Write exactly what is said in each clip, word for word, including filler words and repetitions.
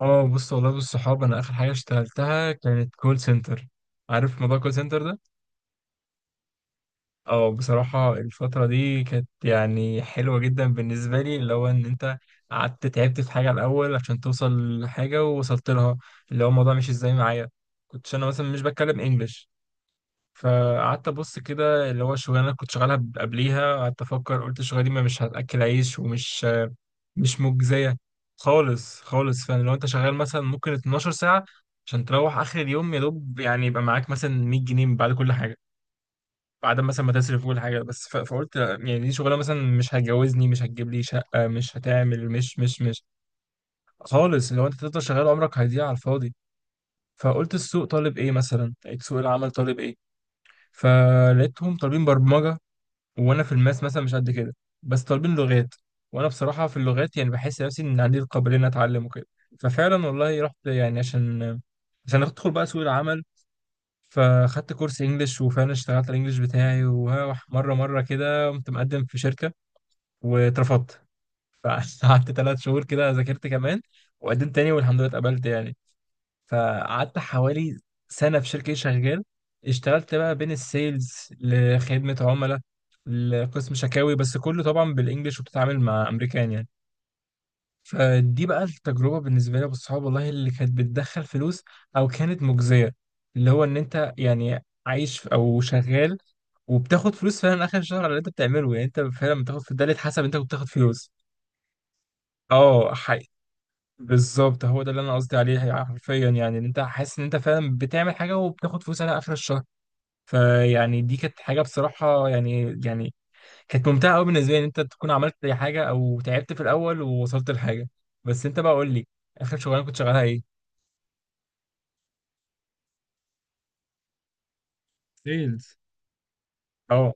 اه، بص والله بالصحاب انا اخر حاجه اشتغلتها كانت كول سنتر. عارف موضوع كول سنتر ده؟ اه، بصراحه الفتره دي كانت يعني حلوه جدا بالنسبه لي، اللي هو ان انت قعدت تعبت في حاجه الاول عشان توصل لحاجه ووصلت لها. اللي هو الموضوع مش ازاي معايا، كنتش انا مثلا مش بتكلم انجلش. فقعدت ابص كده، اللي هو الشغلانه اللي كنت شغالها قبليها قعدت افكر، قلت الشغلانه دي ما مش هتاكل عيش ومش مش مجزية خالص خالص. فعلا لو انت شغال مثلا ممكن 12 ساعة، عشان تروح اخر اليوم يا دوب يعني يبقى معاك مثلا مية جنيه بعد كل حاجة، بعد مثلا ما تصرف كل حاجة. بس ف- فقلت لا، يعني دي شغلة مثلا مش هتجوزني مش هتجيب لي شقة مش هتعمل مش مش مش خالص. لو انت تفضل شغال عمرك هيضيع على الفاضي. فقلت السوق طالب ايه، مثلا لقيت سوق العمل طالب ايه؟ فلقيتهم طالبين برمجة، وانا في الماس مثلا مش قد كده، بس طالبين لغات. وانا بصراحه في اللغات يعني بحس نفسي ان عندي القابليه ان اتعلم وكده. ففعلا والله رحت يعني عشان عشان ادخل بقى سوق العمل. فخدت كورس انجليش، وفعلا اشتغلت على الانجليش بتاعي، ومره مره كده قمت مقدم في شركه واترفضت. فقعدت ثلاث شهور كده ذاكرت كمان، وقدمت تاني والحمد لله اتقبلت يعني. فقعدت حوالي سنة في شركة شغال، اشتغلت بقى بين السيلز لخدمة عملاء لقسم شكاوي، بس كله طبعا بالانجلش وبتتعامل مع امريكان يعني. فدي بقى التجربة بالنسبة لي والصحاب والله اللي كانت بتدخل فلوس او كانت مجزية، اللي هو ان انت يعني عايش في- او شغال، وبتاخد فلوس فعلا اخر الشهر على اللي انت بتعمله، يعني انت فعلا بتاخد في ده، اللي اتحسب انت كنت بتاخد فلوس. اه بالظبط، هو ده اللي انا قصدي عليه يعني، حرفيا يعني ان انت حاسس ان انت فعلا بتعمل حاجه وبتاخد فلوس على اخر الشهر. فيعني دي كانت حاجه بصراحه يعني يعني كانت ممتعه قوي بالنسبه لي، ان انت تكون عملت أي حاجه او تعبت في الاول ووصلت لحاجه. بس انت بقى قول لي، اخر شغلانه كنت شغالها ايه؟ سيلز، اه.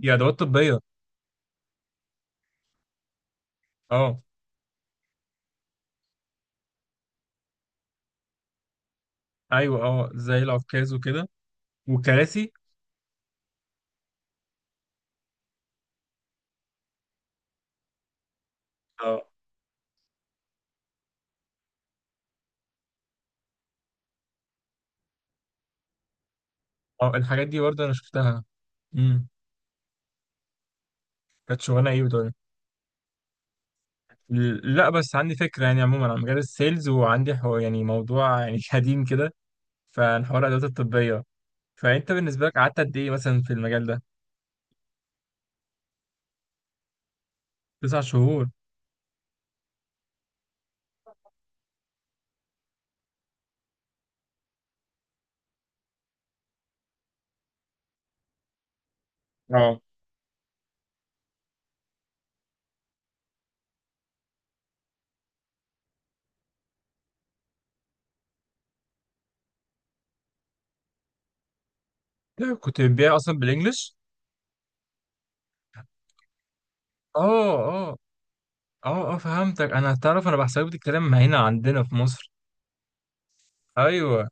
دي ادوات طبيه، اه. ايوه، اه زي العكاز وكده، والكراسي. اه اه، الحاجات دي برضه انا شفتها. امم، كانت شغلانه ايه؟ لا بس عندي فكرة يعني عموما عن مجال السيلز، وعندي حو يعني موضوع يعني قديم كده، فعن حوار الأدوات الطبية. فأنت بالنسبة لك قعدت قد إيه مثلا في المجال ده؟ تسع شهور، اه. ده كنت بتبيع أصلا بالإنجلش؟ آه آه. آه آه، فهمتك أنا، تعرف أنا بحسبك الكلام ما هنا عندنا في مصر. أيوه.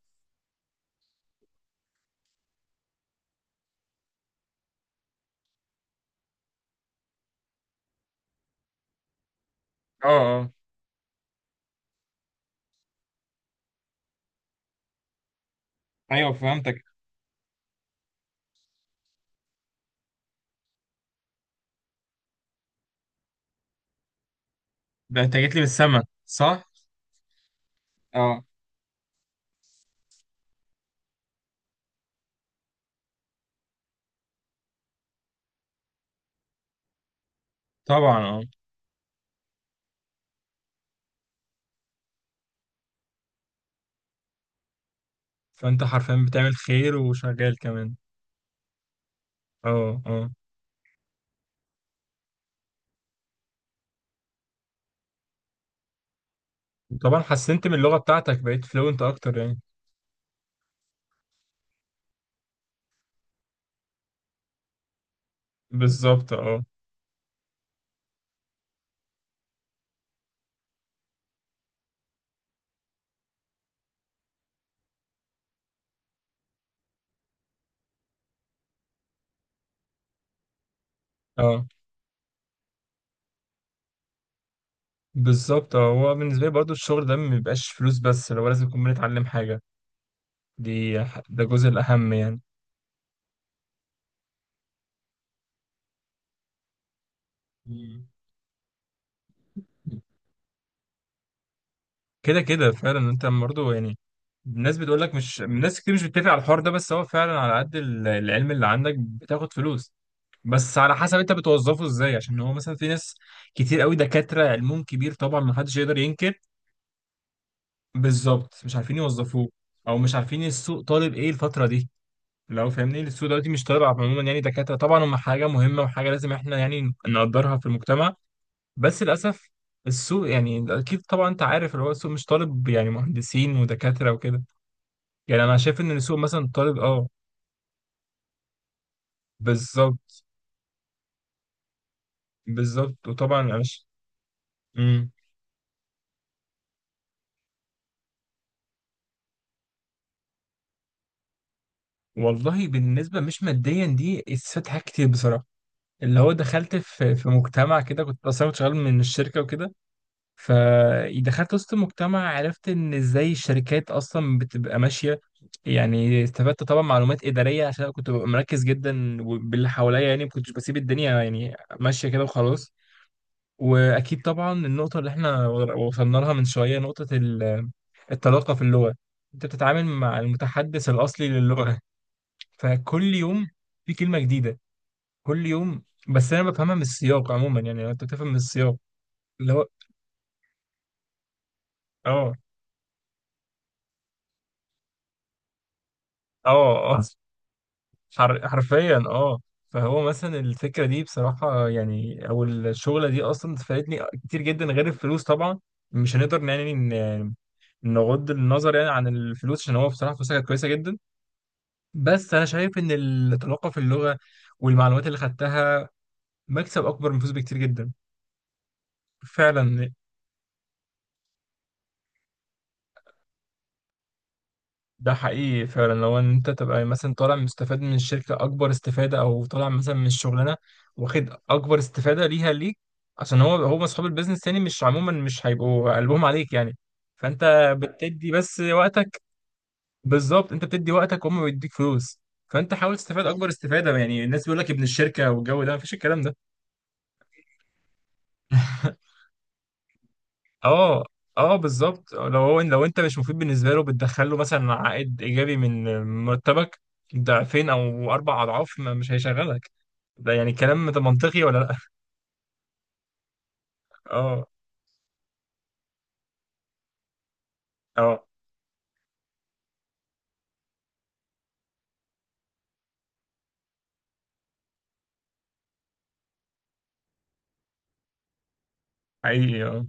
اه اه، ايوه فهمتك. ده أنت جيت لي من السما، صح؟ اه، طبعا اه. فانت حرفيا بتعمل خير وشغال كمان. اه اه. طبعا حسنت من اللغة بتاعتك، بقيت فلوينت اكتر يعني. بالظبط اه. اه بالظبط اه، هو بالنسبه لي برضو الشغل ده ما بيبقاش فلوس بس، لو لازم نكون بنتعلم حاجه، دي ح- ده الجزء الاهم يعني. مم. كده كده فعلا، انت برضو يعني الناس بتقول لك، مش الناس كتير مش بتتفق على الحوار ده، بس هو فعلا على قد ال- العلم اللي عندك بتاخد فلوس، بس على حسب انت بتوظفه ازاي، عشان هو مثلا في ناس كتير قوي دكاترة علمهم كبير طبعا ما حدش يقدر ينكر. بالظبط مش عارفين يوظفوه، او مش عارفين السوق طالب ايه الفترة دي، لو فاهمني السوق دلوقتي مش طالع عموما، يعني دكاترة طبعا هم حاجة مهمة وحاجة لازم احنا يعني نقدرها في المجتمع. بس للأسف السوق، يعني أكيد طبعا أنت عارف، اللي هو السوق مش طالب يعني مهندسين ودكاترة وكده. يعني أنا شايف إن السوق مثلا طالب أه. بالظبط. بالظبط وطبعا أنا مش. مم. والله بالنسبة مش ماديا دي، استفدت حاجات كتير بصراحة، اللي هو دخلت في في مجتمع كده، كنت أصلا كنت شغال من الشركة وكده. فدخلت وسط المجتمع، عرفت ان ازاي الشركات اصلا بتبقى ماشيه، يعني استفدت طبعا معلومات اداريه، عشان أنا كنت ببقى مركز جدا وباللي حواليا، يعني ما كنتش بسيب الدنيا يعني ماشيه كده وخلاص. واكيد طبعا النقطه اللي احنا وصلنا لها من شويه، نقطه ال- الطلاقه في اللغه، انت بتتعامل مع المتحدث الاصلي للغه، فكل يوم في كلمه جديده، كل يوم. بس انا بفهمها من السياق عموما، يعني لو انت بتفهم من السياق اللي هو، اه اه اه حر... حرفيا اه. فهو مثلا الفكرة دي بصراحة يعني، أو الشغلة دي أصلا فادتني كتير جدا غير الفلوس طبعا، مش هنقدر يعني ن- نغض النظر يعني عن الفلوس، عشان هو بصراحة فلوسها كانت كويسة جدا. بس أنا شايف إن التلقى في اللغة والمعلومات اللي خدتها مكسب أكبر من فلوس بكتير جدا. فعلا. ده حقيقي فعلا، لو ان انت تبقى مثلا طالع مستفاد من الشركه اكبر استفاده، او طالع مثلا من الشغلانه واخد اكبر استفاده ليها ليك، عشان هو هو اصحاب البيزنس يعني مش، عموما مش هيبقوا قلبهم عليك يعني، فانت بتدي بس وقتك. بالظبط، انت بتدي وقتك وهم بيديك فلوس، فانت حاول تستفاد اكبر استفاده، يعني الناس بيقول لك ابن الشركه والجو ده، مفيش الكلام ده. اه اه بالظبط، لو هو لو انت مش مفيد بالنسبه له، بتدخل له مثلا عائد ايجابي من مرتبك ضعفين او اربع اضعاف، ما مش هيشغلك. ده يعني، كلام ده منطقي ولا لا؟ اه اه حقيقي اه،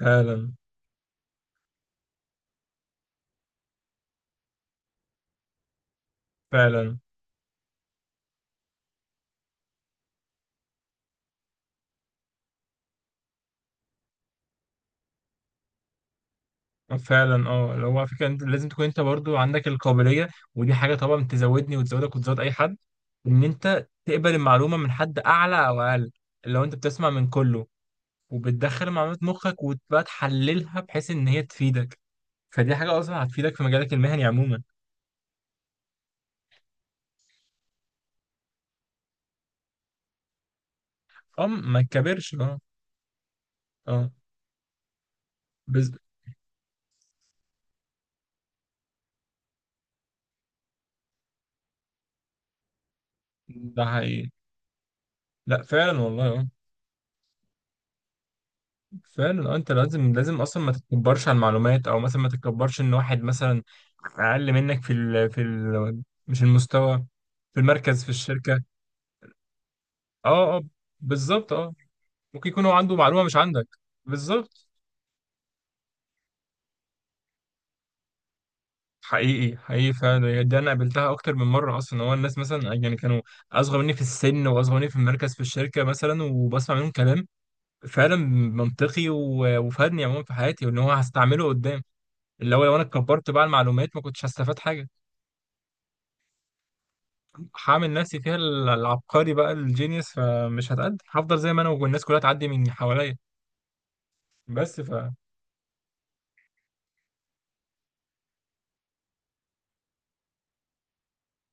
فعلا فعلا فعلا اه. لو على فكره انت لازم تكون انت برضو عندك القابليه، ودي حاجه طبعا تزودني وتزودك وتزود اي حد، ان انت تقبل المعلومه من حد اعلى او اقل، لو انت بتسمع من كله وبتدخل معلومات مخك وتبقى تحللها بحيث ان هي تفيدك، فدي حاجة أصلا هتفيدك في مجالك المهني عموما. اه ما تكبرش، اه. اه بز... ده حقيقي. لا فعلا والله اه، فعلا اه، انت لازم لازم اصلا ما تتكبرش على المعلومات، او مثلا ما تتكبرش ان واحد مثلا اقل منك في ال... في ال... مش المستوى، في المركز في الشركة. اه اه بالظبط اه. ممكن يكون هو عنده معلومة مش عندك. بالظبط. حقيقي حقيقي فعلا، دي انا قابلتها اكتر من مره اصلا، هو الناس مثلا يعني كانوا اصغر مني في السن واصغر مني في المركز في الشركه مثلا، وبسمع منهم كلام فعلا منطقي و- وفادني عموما في حياتي، وان هو هستعمله قدام، اللي هو لو انا اتكبرت بقى على المعلومات ما كنتش هستفاد حاجه. هعمل نفسي فيها ال- العبقري بقى، الجينيوس، فمش هتقدم، هفضل زي ما انا والناس كلها تعدي من حواليا. بس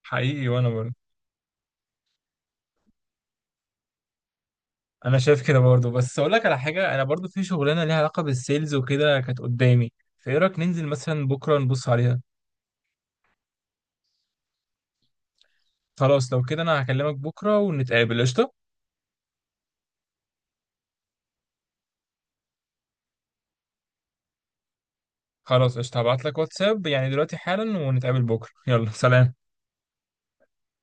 فحقيقي وانا برضه. انا شايف كده برضه، بس اقول لك على حاجه، انا برضه في شغلانه ليها علاقه بالسيلز وكده كانت قدامي، فايه رايك ننزل مثلا بكره نبص عليها؟ خلاص لو كده انا هكلمك بكره ونتقابل قشطه. خلاص قشطه، هبعت لك واتساب يعني دلوقتي حالا ونتقابل بكره، يلا سلام.